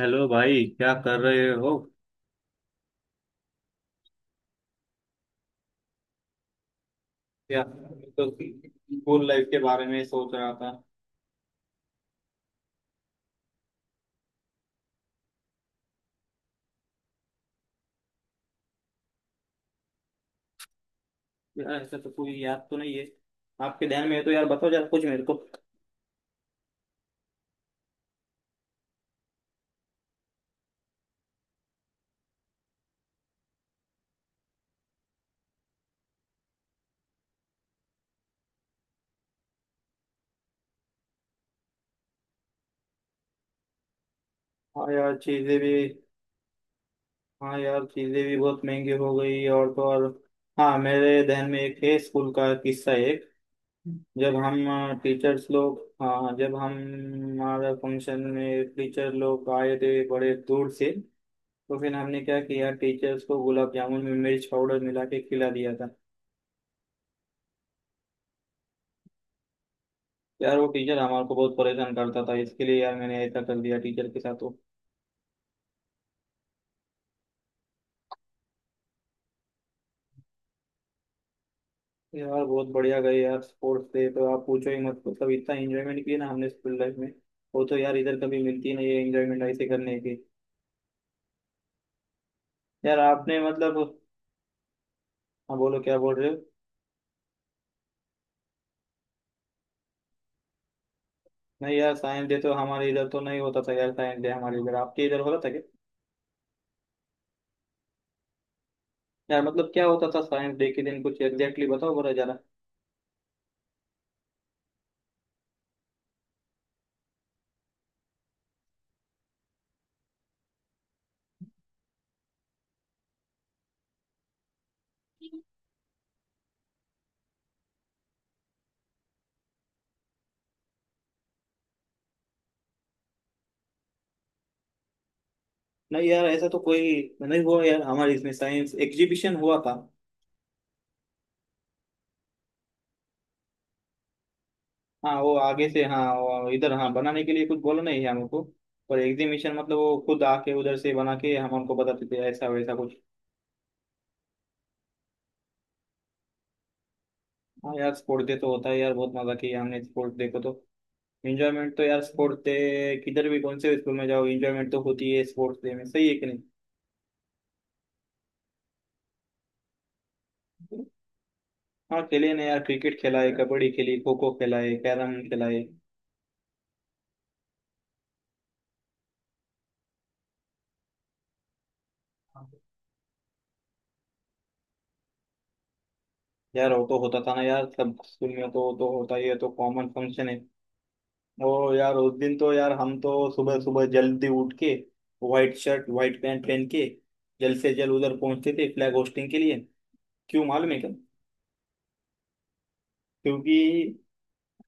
Hello भाई, क्या कर रहे हो। यार मैं तो स्कूल लाइफ के बारे में सोच रहा था। यार ऐसा तो कोई याद तो नहीं है। आपके ध्यान में है तो यार बताओ जरा कुछ मेरे को। हाँ यार चीज़ें भी, हाँ यार चीज़ें भी बहुत महंगी हो गई, और तो और। हाँ मेरे ध्यान में एक है स्कूल का किस्सा एक। जब हम टीचर्स लोग, हाँ जब हम, हमारा फंक्शन में टीचर लोग आए थे बड़े दूर से। तो फिर हमने क्या किया, टीचर्स को गुलाब जामुन में मिर्च पाउडर मिला के खिला दिया था। यार वो टीचर हमारे को बहुत परेशान करता था, इसके लिए यार मैंने ऐसा कर दिया टीचर के साथ तो। यार बहुत बढ़िया गए यार स्पोर्ट्स डे, तो आप पूछो ही मत, मतलब इतना एंजॉयमेंट किया ना हमने स्कूल लाइफ में। वो तो यार इधर कभी मिलती नहीं है एंजॉयमेंट ऐसे करने की। यार आपने मतलब, हाँ बोलो क्या बोल रहे हो। नहीं यार साइंस डे तो हमारे इधर तो नहीं होता था, यार साइंस डे हमारे इधर, आपके इधर होता था क्या। यार मतलब क्या होता था साइंस डे के दिन, कुछ एग्जैक्टली बताओ बोला जरा। नहीं यार ऐसा तो कोई नहीं हुआ यार, हमारे इसमें साइंस एग्जीबिशन हुआ था। हाँ वो आगे से, हाँ वो इधर, हाँ बनाने के लिए कुछ बोला नहीं है हमको। पर एग्जीबिशन मतलब वो खुद आके उधर से बना के हम हमको बताते थे ऐसा वैसा कुछ। हाँ यार स्पोर्ट डे तो होता है यार, बहुत मजा किया हमने स्पोर्ट डे को तो। एंजॉयमेंट तो यार स्पोर्ट डे, किधर भी कौन से स्कूल में जाओ एंजॉयमेंट तो होती है स्पोर्ट्स डे में, सही है कि नहीं। हाँ खेले ना यार, क्रिकेट खेला है, कबड्डी खेली, खो खो खेला है, कैरम खेला है। यार वो तो होता था ना यार, सब स्कूल में तो होता ही है, तो कॉमन फंक्शन है। ओ यार उस दिन तो यार हम तो सुबह सुबह जल्दी उठ के, व्हाइट शर्ट व्हाइट पैंट पहन के, जल्द से जल्द उधर पहुंचते थे फ्लैग होस्टिंग के लिए। क्यों मालूम है क्या। क्योंकि,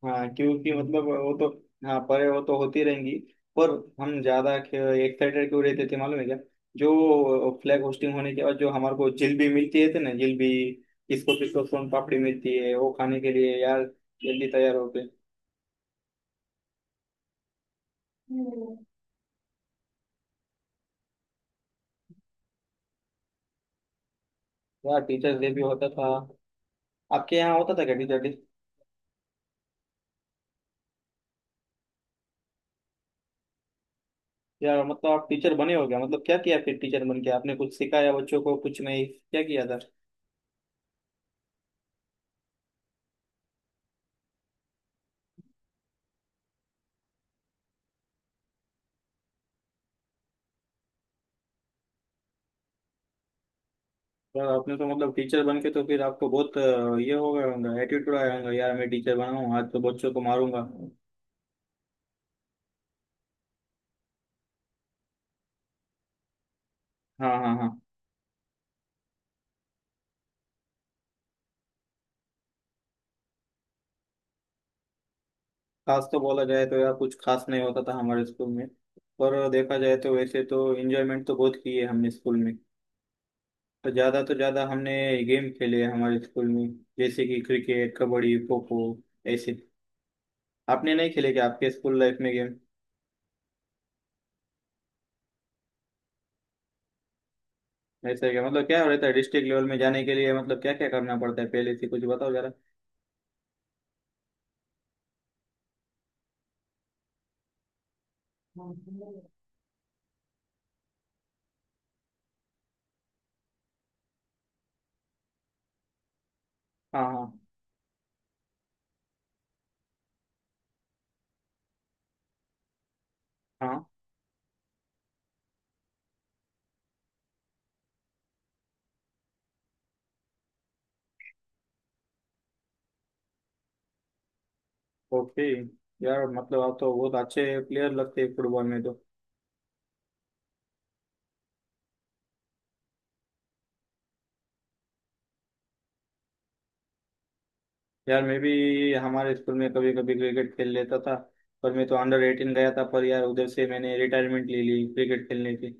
हाँ क्योंकि मतलब वो तो, हाँ परे वो तो होती रहेंगी। पर हम ज्यादा एक्साइटेड क्यों रहते थे मालूम है क्या। जो फ्लैग होस्टिंग होने के बाद जो हमारे को जिलेबी मिलती है थे ना जिलेबी, किसको किसको सोन पापड़ी मिलती है वो खाने के लिए यार। जल्दी तैयार होते। यार टीचर्स डे भी होता था। आपके यहाँ होता था क्या टीचर डे। यार मतलब आप टीचर बने हो क्या, मतलब क्या किया फिर टीचर बन के, आपने कुछ सिखाया बच्चों को कुछ नहीं क्या किया था। यार आपने तो मतलब टीचर बन के तो फिर आपको बहुत ये हो गया होगा एटीट्यूड आया होगा, यार मैं टीचर बना हूँ आज तो बच्चों को मारूंगा। हाँ, हाँ, हाँ। खास तो बोला जाए तो यार कुछ खास नहीं होता था हमारे स्कूल में, पर देखा जाए तो वैसे तो एंजॉयमेंट तो बहुत की है हमने स्कूल में। तो ज़्यादा हमने गेम खेले हैं हमारे स्कूल में, जैसे कि क्रिकेट, कबड्डी, खो खो, ऐसे। आपने नहीं खेले क्या आपके स्कूल लाइफ में गेम। ऐसा है क्या, मतलब क्या रहता है डिस्ट्रिक्ट लेवल में जाने के लिए, मतलब क्या क्या करना पड़ता है पहले से कुछ बताओ जरा। हाँ, हाँ, हाँ। ओके। यार मतलब आप तो बहुत अच्छे प्लेयर लगते हैं फुटबॉल में तो। यार मैं भी हमारे स्कूल में कभी कभी क्रिकेट खेल लेता था, पर मैं तो अंडर एटीन गया था, पर यार उधर से मैंने रिटायरमेंट ले ली क्रिकेट खेलने की।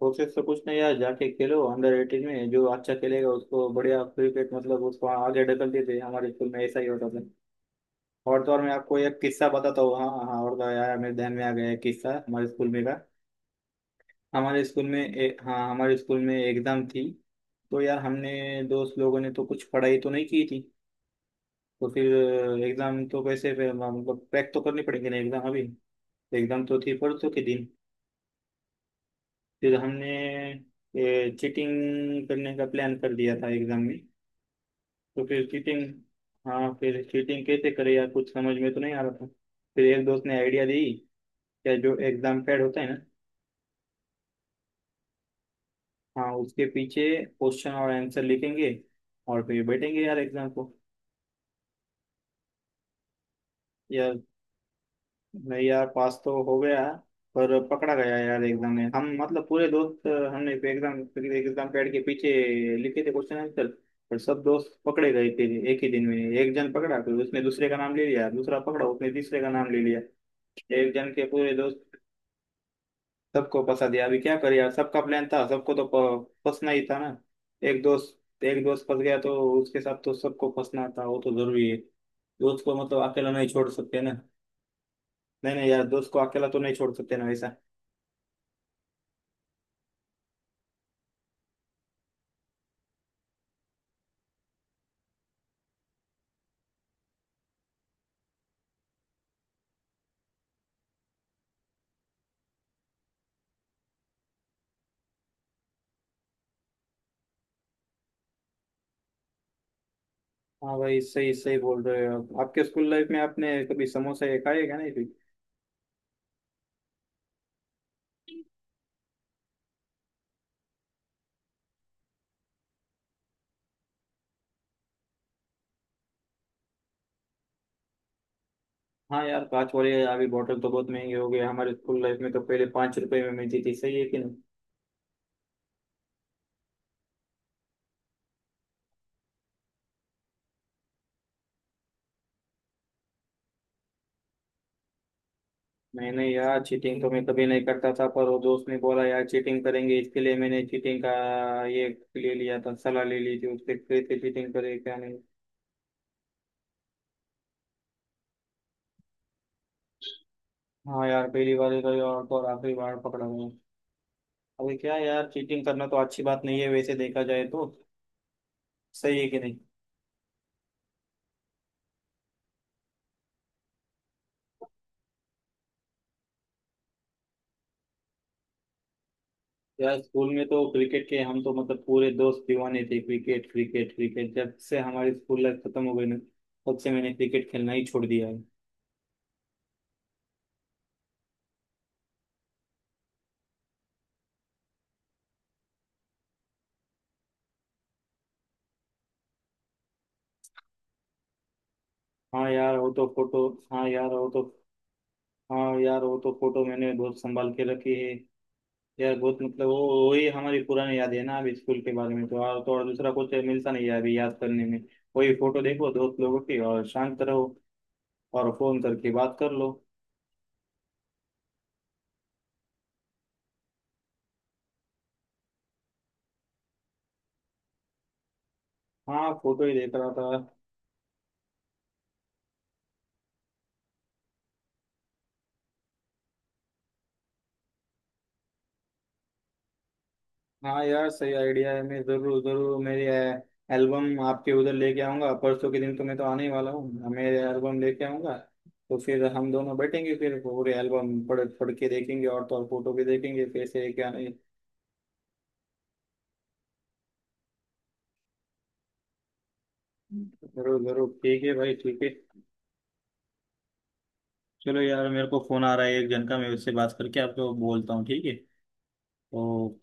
कोशिश तो कुछ नहीं यार, जाके खेलो अंडर एटीन में, जो अच्छा खेलेगा उसको बढ़िया क्रिकेट मतलब उसको आगे ढकल देते हैं। हमारे स्कूल में ऐसा ही होता था। और तो और मैं आपको एक किस्सा बताता हूँ, हाँ हाँ हाँ, और तो यार मेरे ध्यान में आ गया एक किस्सा हमारे स्कूल में का। हमारे स्कूल में हाँ हमारे स्कूल में एग्जाम थी, तो यार हमने दोस्त लोगों ने तो कुछ पढ़ाई तो नहीं की थी। तो फिर एग्जाम तो कैसे फिर मतलब क्रैक तो करनी पड़ेगी ना एग्जाम, अभी एग्जाम तो थी परसों के दिन। फिर हमने चीटिंग करने का प्लान कर दिया था एग्जाम में। तो फिर चीटिंग, हाँ फिर चीटिंग कैसे करे यार, कुछ समझ में तो नहीं आ रहा था। फिर एक दोस्त ने आइडिया दी, या जो एग्जाम पैड होता है ना, हाँ उसके पीछे क्वेश्चन और आंसर लिखेंगे और फिर बैठेंगे यार एग्जाम को। यार नहीं यार, पास तो हो गया, पर पकड़ा गया यार एग्जाम में हम, मतलब पूरे दोस्त हमने एग्जाम, एग्जाम पैड के पीछे लिखे थे क्वेश्चन आंसर, पर सब दोस्त पकड़े गए थे। एक ही दिन में एक जन पकड़ा फिर उसने दूसरे का नाम ले लिया, दूसरा पकड़ा उसने तीसरे का नाम ले लिया, एक जन के पूरे दोस्त सबको फंसा दिया। अभी क्या करे यार, सबका प्लान था, सबको तो फंसना ही था ना। एक दोस्त फंस गया तो उसके साथ तो सबको फंसना था, वो तो जरूरी है। दोस्त को मतलब अकेला नहीं छोड़ सकते ना, नहीं नहीं यार दोस्त को अकेला तो नहीं छोड़ सकते ना वैसा। हाँ भाई सही सही बोल रहे हो आप। आपके स्कूल लाइफ में आपने कभी समोसे खाए क्या नहीं फिर। हाँ यार कांच वाले अभी बॉटल तो बहुत महंगे हो गए, हमारे स्कूल लाइफ में तो पहले पाँच रुपए में मिलती थी, सही है कि नहीं। नहीं यार चीटिंग तो मैं कभी नहीं करता था, पर वो दोस्त ने बोला यार चीटिंग करेंगे, इसके लिए मैंने चीटिंग का ये ले लिया था, सलाह ले ली थी उससे कैसे चीटिंग करे क्या नहीं। हाँ यार पहली बार ही गई और तो और आखिरी बार पकड़ा गया। अभी क्या यार, चीटिंग करना तो अच्छी बात नहीं है वैसे देखा जाए तो, सही है कि नहीं। यार स्कूल में तो क्रिकेट के हम तो मतलब पूरे दोस्त दीवाने थे, क्रिकेट क्रिकेट क्रिकेट, जब से हमारी स्कूल लाइफ खत्म हो गई ना तब से मैंने क्रिकेट खेलना ही छोड़ दिया है। हाँ यार हो तो फोटो, हाँ यार हो तो, हाँ यार वो तो फोटो मैंने बहुत संभाल के रखी है यार। बहुत मतलब वो वही हमारी पुरानी याद है ना अभी स्कूल के बारे में तो, और तो और दूसरा कुछ मिलता नहीं है अभी याद करने में। वही फोटो देखो दोस्त लोगों की और शांत रहो और फोन करके बात कर लो। हाँ फोटो ही देख रहा था। हाँ यार सही आइडिया है, मैं जरूर जरूर मेरी एल्बम आपके उधर लेके आऊंगा परसों के दिन, तो मैं तो आने ही वाला हूँ हाँ, मेरे एल्बम लेके आऊंगा। तो फिर हम दोनों बैठेंगे फिर पूरे एल्बम पढ़ पढ़ के देखेंगे और तो और फोटो भी देखेंगे कैसे क्या। जरूर जरूर, ठीक है भाई ठीक है। चलो यार मेरे को फोन आ रहा है एक जन का, मैं उससे बात करके आपको बोलता हूँ, ठीक है। तो